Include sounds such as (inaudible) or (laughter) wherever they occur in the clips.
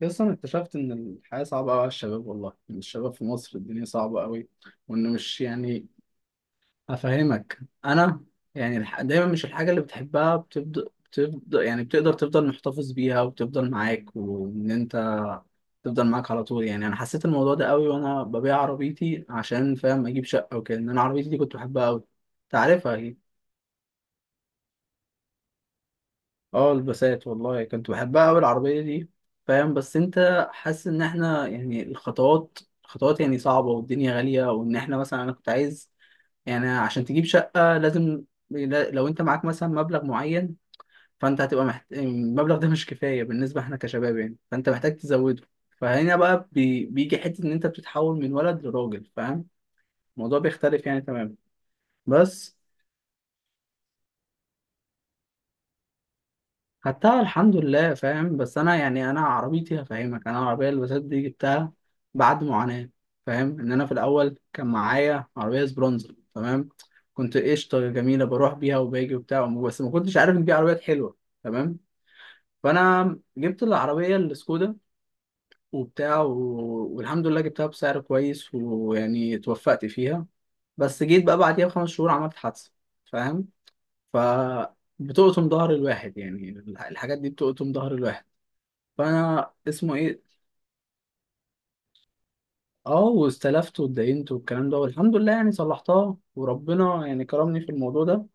بس انا اكتشفت ان الحياه صعبه قوي على الشباب، والله إن الشباب في مصر الدنيا صعبه قوي وانه مش يعني افهمك انا. يعني دايما مش الحاجه اللي بتحبها بتبدا يعني بتقدر تفضل محتفظ بيها وبتفضل معاك وان انت تفضل معاك على طول. يعني انا حسيت الموضوع ده قوي وانا ببيع عربيتي عشان فاهم اجيب شقه وكده ان انا عربيتي دي كنت بحبها قوي، تعرفها. اه البسات، والله كنت بحبها أوي العربية دي، فاهم. بس أنت حاسس إن إحنا يعني الخطوات خطوات يعني صعبة، والدنيا غالية، وإن إحنا مثلا أنا كنت عايز يعني عشان تجيب شقة لازم لو أنت معاك مثلا مبلغ معين، فأنت هتبقى المبلغ ده مش كفاية بالنسبة إحنا كشباب يعني، فأنت محتاج تزوده. فهنا بقى بيجي حتة إن أنت بتتحول من ولد لراجل، فاهم، الموضوع بيختلف يعني تماما. بس خدتها الحمد لله، فاهم، بس انا يعني انا عربيتي هفهمك انا العربيه اللي بسات دي جبتها بعد معاناه. فاهم ان انا في الاول كان معايا عربيه سبرونزر، تمام، كنت قشطه جميله بروح بيها وباجي وبتاع، بس ما كنتش عارف ان دي عربيات حلوه، تمام. فانا جبت العربيه السكودا وبتاع والحمد لله جبتها بسعر كويس ويعني اتوفقت فيها، بس جيت بقى بعديها بخمس شهور عملت حادثه، فاهم. ف بتقطم ظهر الواحد يعني، الحاجات دي بتقطم ظهر الواحد. فانا اسمه ايه، اه واستلفت واتدينت والكلام ده، والحمد لله يعني صلحتها وربنا يعني كرمني في الموضوع ده،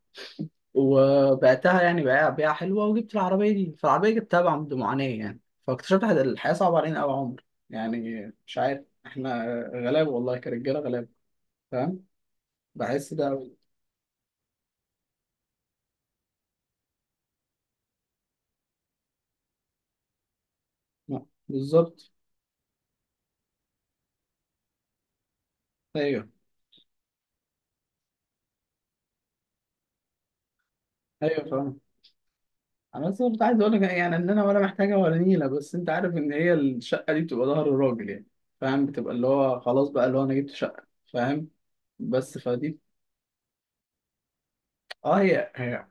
وبعتها يعني بيع بيعة حلوة، وجبت العربية دي، فالعربية جبتها بعد معاناة يعني. فاكتشفت إن الحياة صعبة علينا أوي يا عمر، يعني مش عارف، احنا غلاب والله، كرجالة غلاب، فاهم، بحس ده أوي. آه، بالظبط. ايوه، ايوه، فاهم. انا بس كنت عايز اقول لك يعني ان انا ولا محتاجه ولا نيله، بس انت عارف ان هي الشقه دي بتبقى ظهر الراجل يعني، فاهم، بتبقى اللي هو خلاص بقى اللي هو انا جبت شقه، فاهم، بس فدي. اه، هي هي.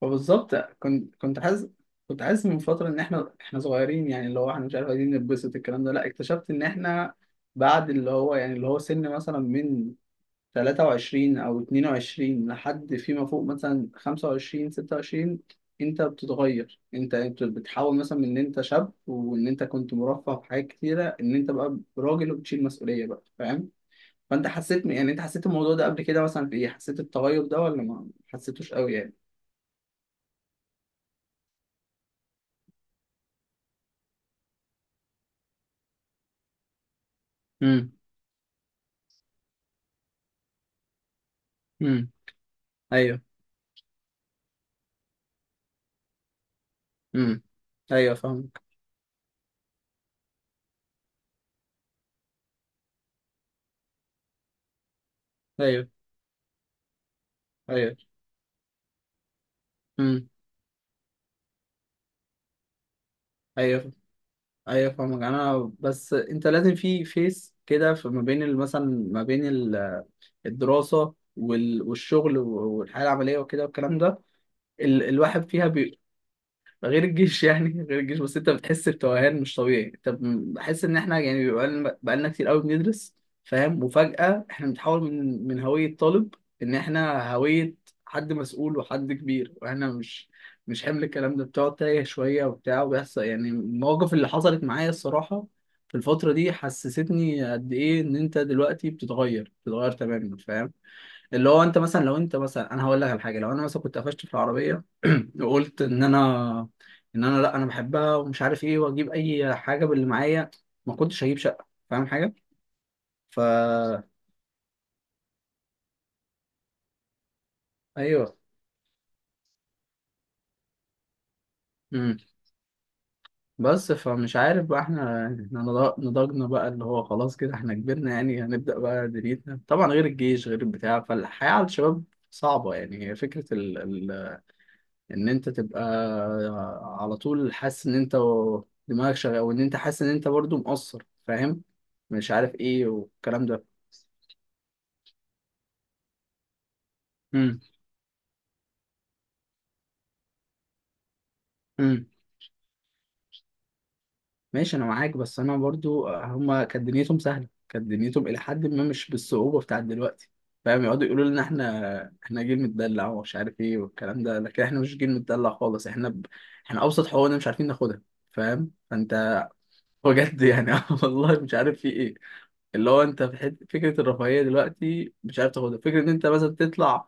فبالظبط كنت حاسس، من فتره ان احنا صغيرين يعني، اللي هو احنا مش عارف عايزين نتبسط الكلام ده، لا، اكتشفت ان احنا بعد اللي هو يعني اللي هو سن مثلا من 23 أو 22 لحد فيما فوق مثلا 25 26، أنت بتتغير، أنت بتحاول مثلا من إن أنت شاب وإن أنت كنت مرفه في حاجات كتيرة، إن أنت بقى راجل وبتشيل مسؤولية بقى، فاهم؟ فأنت حسيت يعني أنت حسيت الموضوع ده قبل كده مثلا في إيه؟ حسيت التغير ده ولا ما حسيتوش قوي يعني؟ امم، امم. ايوه، امم، ايوه، فاهمك. ايوه، ايوه، امم، ايوه، ايوه، فاهمك. انا بس انت لازم في فيس كده في ما بين مثلا، ما بين الدراسة والشغل والحياة العملية وكده والكلام ده. الواحد فيها غير الجيش يعني (laughs) غير الجيش، بس انت بتحس بتوهان مش طبيعي. طب بحس ان احنا يعني بقالنا كتير قوي بندرس، فاهم، وفجأة احنا بنتحول من هوية طالب، ان احنا هوية حد مسؤول وحد كبير، واحنا مش حمل الكلام ده، بتقعد تايه شوية وبتاع، وبيحصل يعني المواقف اللي حصلت معايا الصراحة في الفترة دي، حسستني قد إيه إن أنت دلوقتي بتتغير تماما، فاهم، اللي هو انت مثلا لو انت مثلا انا هقول لك على حاجه، لو انا مثلا كنت قفشت في العربيه (clears throat) وقلت ان انا، لا انا بحبها ومش عارف ايه، واجيب اي حاجه باللي معايا، ما كنتش هجيب شقه، فاهم حاجه. ف ايوه، امم. بس فمش عارف بقى احنا نضجنا بقى، اللي هو خلاص كده احنا كبرنا يعني، هنبدا بقى دنيتنا طبعا، غير الجيش غير البتاع، فالحياه على الشباب صعبه يعني. هي فكره ان انت تبقى على طول حاسس ان انت دماغك شغال وان انت حاسس ان انت برضو مقصر، فاهم، مش عارف ايه والكلام ده. امم، امم. ماشي، انا معاك، بس انا برضو هما كانت دنيتهم سهله، كانت دنيتهم الى حد ما مش بالصعوبه بتاعت دلوقتي، فاهم، يقعدوا يقولوا لنا احنا جيل متدلع، ومش عارف ايه والكلام ده، لكن احنا مش جيل متدلع خالص، احنا احنا ابسط حقوقنا مش عارفين ناخدها، فاهم، فانت بجد يعني. (laughs) آه والله مش عارف في ايه، اللي هو انت في حته فكره الرفاهيه دلوقتي مش عارف تاخدها، فكره ان انت مثلا تطلع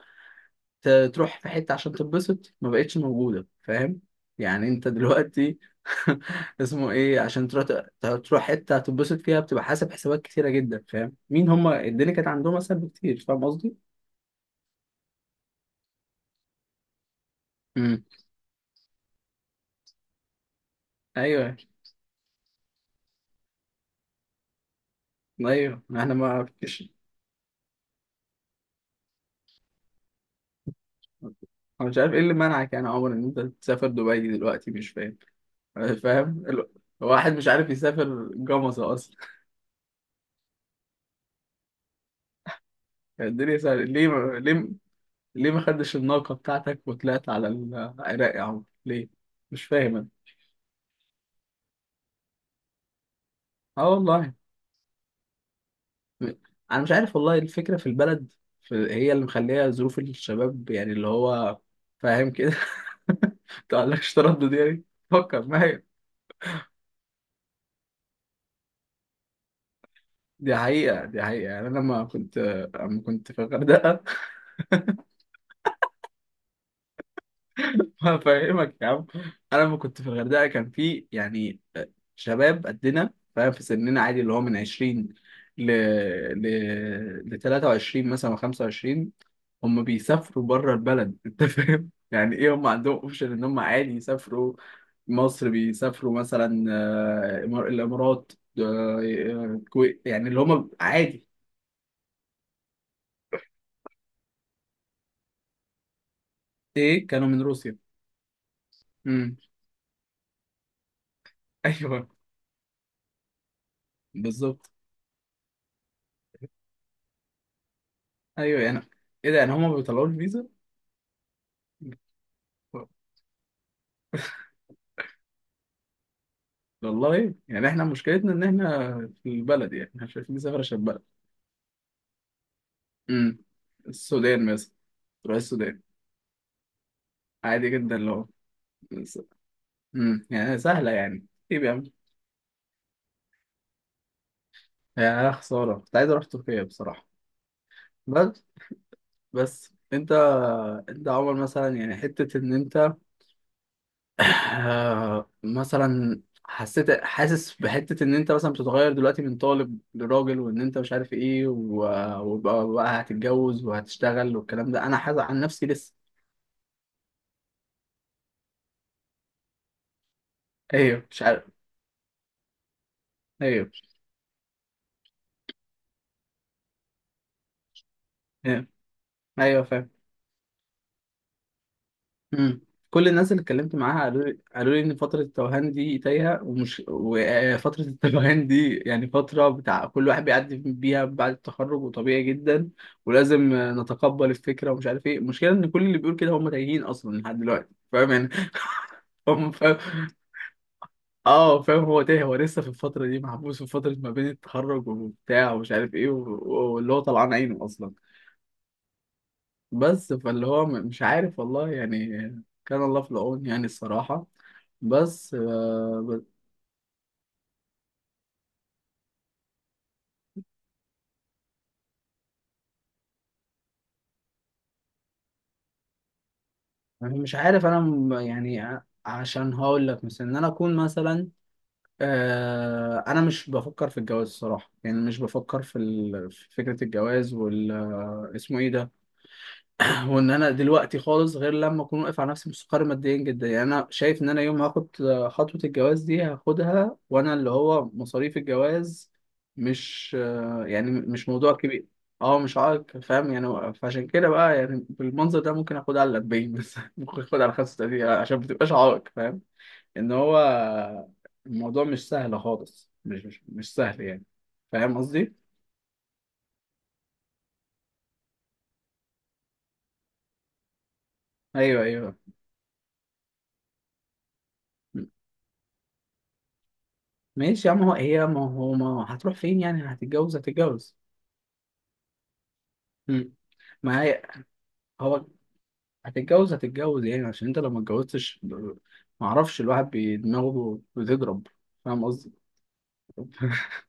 ت- تروح في حته عشان تتبسط ما بقتش موجوده، فاهم يعني. انت دلوقتي (laughs) اسمه ايه، عشان تروح تروح حته تتبسط فيها، بتبقى حاسب حسابات كتيره جدا، فاهم مين هما، الدنيا كانت عندهم اسهل بكتير، فاهم قصدي. امم، ايوه، ايوه، احنا ما فيش. انا مش عارف ايه اللي منعك يعني يا عمر ان انت تسافر دبي دلوقتي، مش فاهم، فاهم واحد مش عارف يسافر جمصة أصلا. يعني الدنيا سهلة، ليه ما... ليه ما خدتش الناقة بتاعتك وطلعت على العراق يا عم؟ ليه؟ مش فاهم أنا. أه والله، أنا مش عارف والله، الفكرة في البلد هي اللي مخليها ظروف الشباب يعني، اللي هو، فاهم كده. (laughs) متقلقش، تردد يعني، فكر. ما هي دي حقيقة يعني. أنا لما كنت، أما كنت في الغردقة. (laughs) فاهمك يا عم. انا لما كنت في الغردقه كان في يعني شباب قدنا، فاهم، في سننا، عادي، اللي هو من 20 ل ل ل 23 مثلا و25، هم بيسافروا بره البلد. (laughs) انت فاهم يعني ايه، هم عندهم اوبشن ان هم عادي يسافروا مصر، بيسافروا مثلا آه، الامارات، آه، الكويت، يعني اللي هم عادي. ايه، كانوا من روسيا. امم. (laughs) ايوه، بالظبط. ايوه يعني. ايه ده يعني، هم بيطلعوا الفيزا. والله يعني احنا مشكلتنا ان احنا في البلد، يعني احنا مش عارفين نسافر عشان البلد. امم، السودان مثلا، تروح السودان. عادي جدا لو. امم، يعني سهلة يعني. ايه بيعمل، يعني انا خسارة كنت عايز اروح تركيا بصراحة. بس. بس انت انت عمر مثلا يعني حتة ان انت آه، مثلا حسيت، حاسس بحتة ان انت مثلا بتتغير دلوقتي من طالب لراجل وان انت مش عارف ايه وبقى هتتجوز وهتشتغل والكلام ده، انا حاسس عن نفسي لسه. ايوه، مش عارف. ايوه، ايوه، ايوه، فاهم. امم. كل الناس اللي اتكلمت معاها قالوا لي، ان فتره التوهان دي تايهه، ومش وفتره التوهان دي يعني فتره بتاع كل واحد بيعدي بيها بعد التخرج، وطبيعي جدا ولازم نتقبل الفكره، ومش عارف ايه. المشكله ان كل اللي بيقول كده هم تايهين اصلا لحد دلوقتي، فاهم يعني. (laughs) هم فاهم، اه فاهم، هو تايه، هو لسه في الفتره دي محبوس، في فتره ما بين التخرج وبتاع ومش عارف ايه، واللي هو طلعان عينه اصلا، بس فاللي هو مش عارف والله يعني، كان الله في العون يعني الصراحة. بس آه، يعني مش عارف انا، يعني عشان هقول لك مثلا ان انا اكون مثلا آه، انا مش بفكر في الجواز الصراحة، يعني مش بفكر في في فكرة الجواز آه، اسمه ايه ده، هو ان انا دلوقتي خالص غير لما اكون واقف على نفسي مستقر ماديا جدا، يعني انا شايف ان انا يوم ما هاخد خطوة الجواز دي هاخدها وانا اللي هو مصاريف الجواز مش موضوع كبير. اه مش عائق، فاهم يعني، فعشان كده بقى يعني بالمنظر ده ممكن اخدها على 40 بس (laughs) ممكن اخدها على 35 عشان ما تبقاش عائق، فاهم، ان هو الموضوع مش سهل خالص، مش سهل يعني، فاهم قصدي؟ ايوه، ايوه. ماشي يا عم، هو هي، ما هو ما هتروح فين يعني، هتتجوز، هتتجوز. مم. ما هي هو هتتجوز، هتتجوز يعني، عشان انت لو ما اتجوزتش ما اعرفش الواحد دماغه بتضرب، فاهم قصدي؟ (laughs)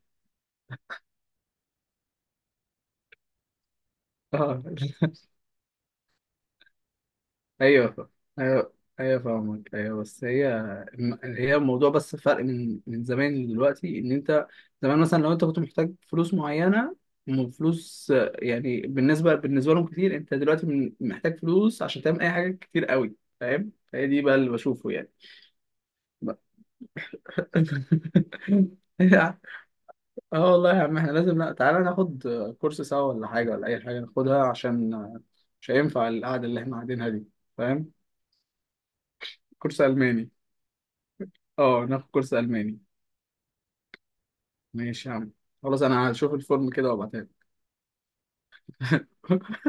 اه، ايوه. ايوه، ايوه، فاهمك. ايوه، بس هي هي الموضوع بس فرق من زمان دلوقتي ان انت، زمان مثلا لو انت كنت محتاج فلوس معينه، فلوس آه، يعني بالنسبه لهم كتير، انت دلوقتي محتاج فلوس عشان تعمل اي حاجه كتير قوي، فاهم، هي دي بقى اللي بشوفه يعني، بقى. (laughs) اه والله يا عم احنا لازم، لا تعالى ناخد كورس سوا ولا حاجه، ولا اي حاجه ناخدها، عشان مش هينفع القعده اللي احنا قاعدينها دي، فاهم. كورس الماني؟ اه ناخد كورس الماني. ماشي يا عم، خلاص، انا هشوف الفورم كده وابعتها لك. (laughs)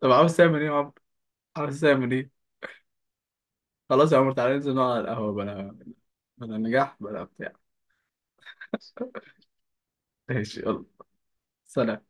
طب عاوز تعمل ايه يا عمرو، عاوز تعمل ايه؟ خلاص يا عمرو تعالى ننزل نقعد على القهوه، بلا بلا نجاح بلا بتاع. (laughs) ماشي، يلا، سلام.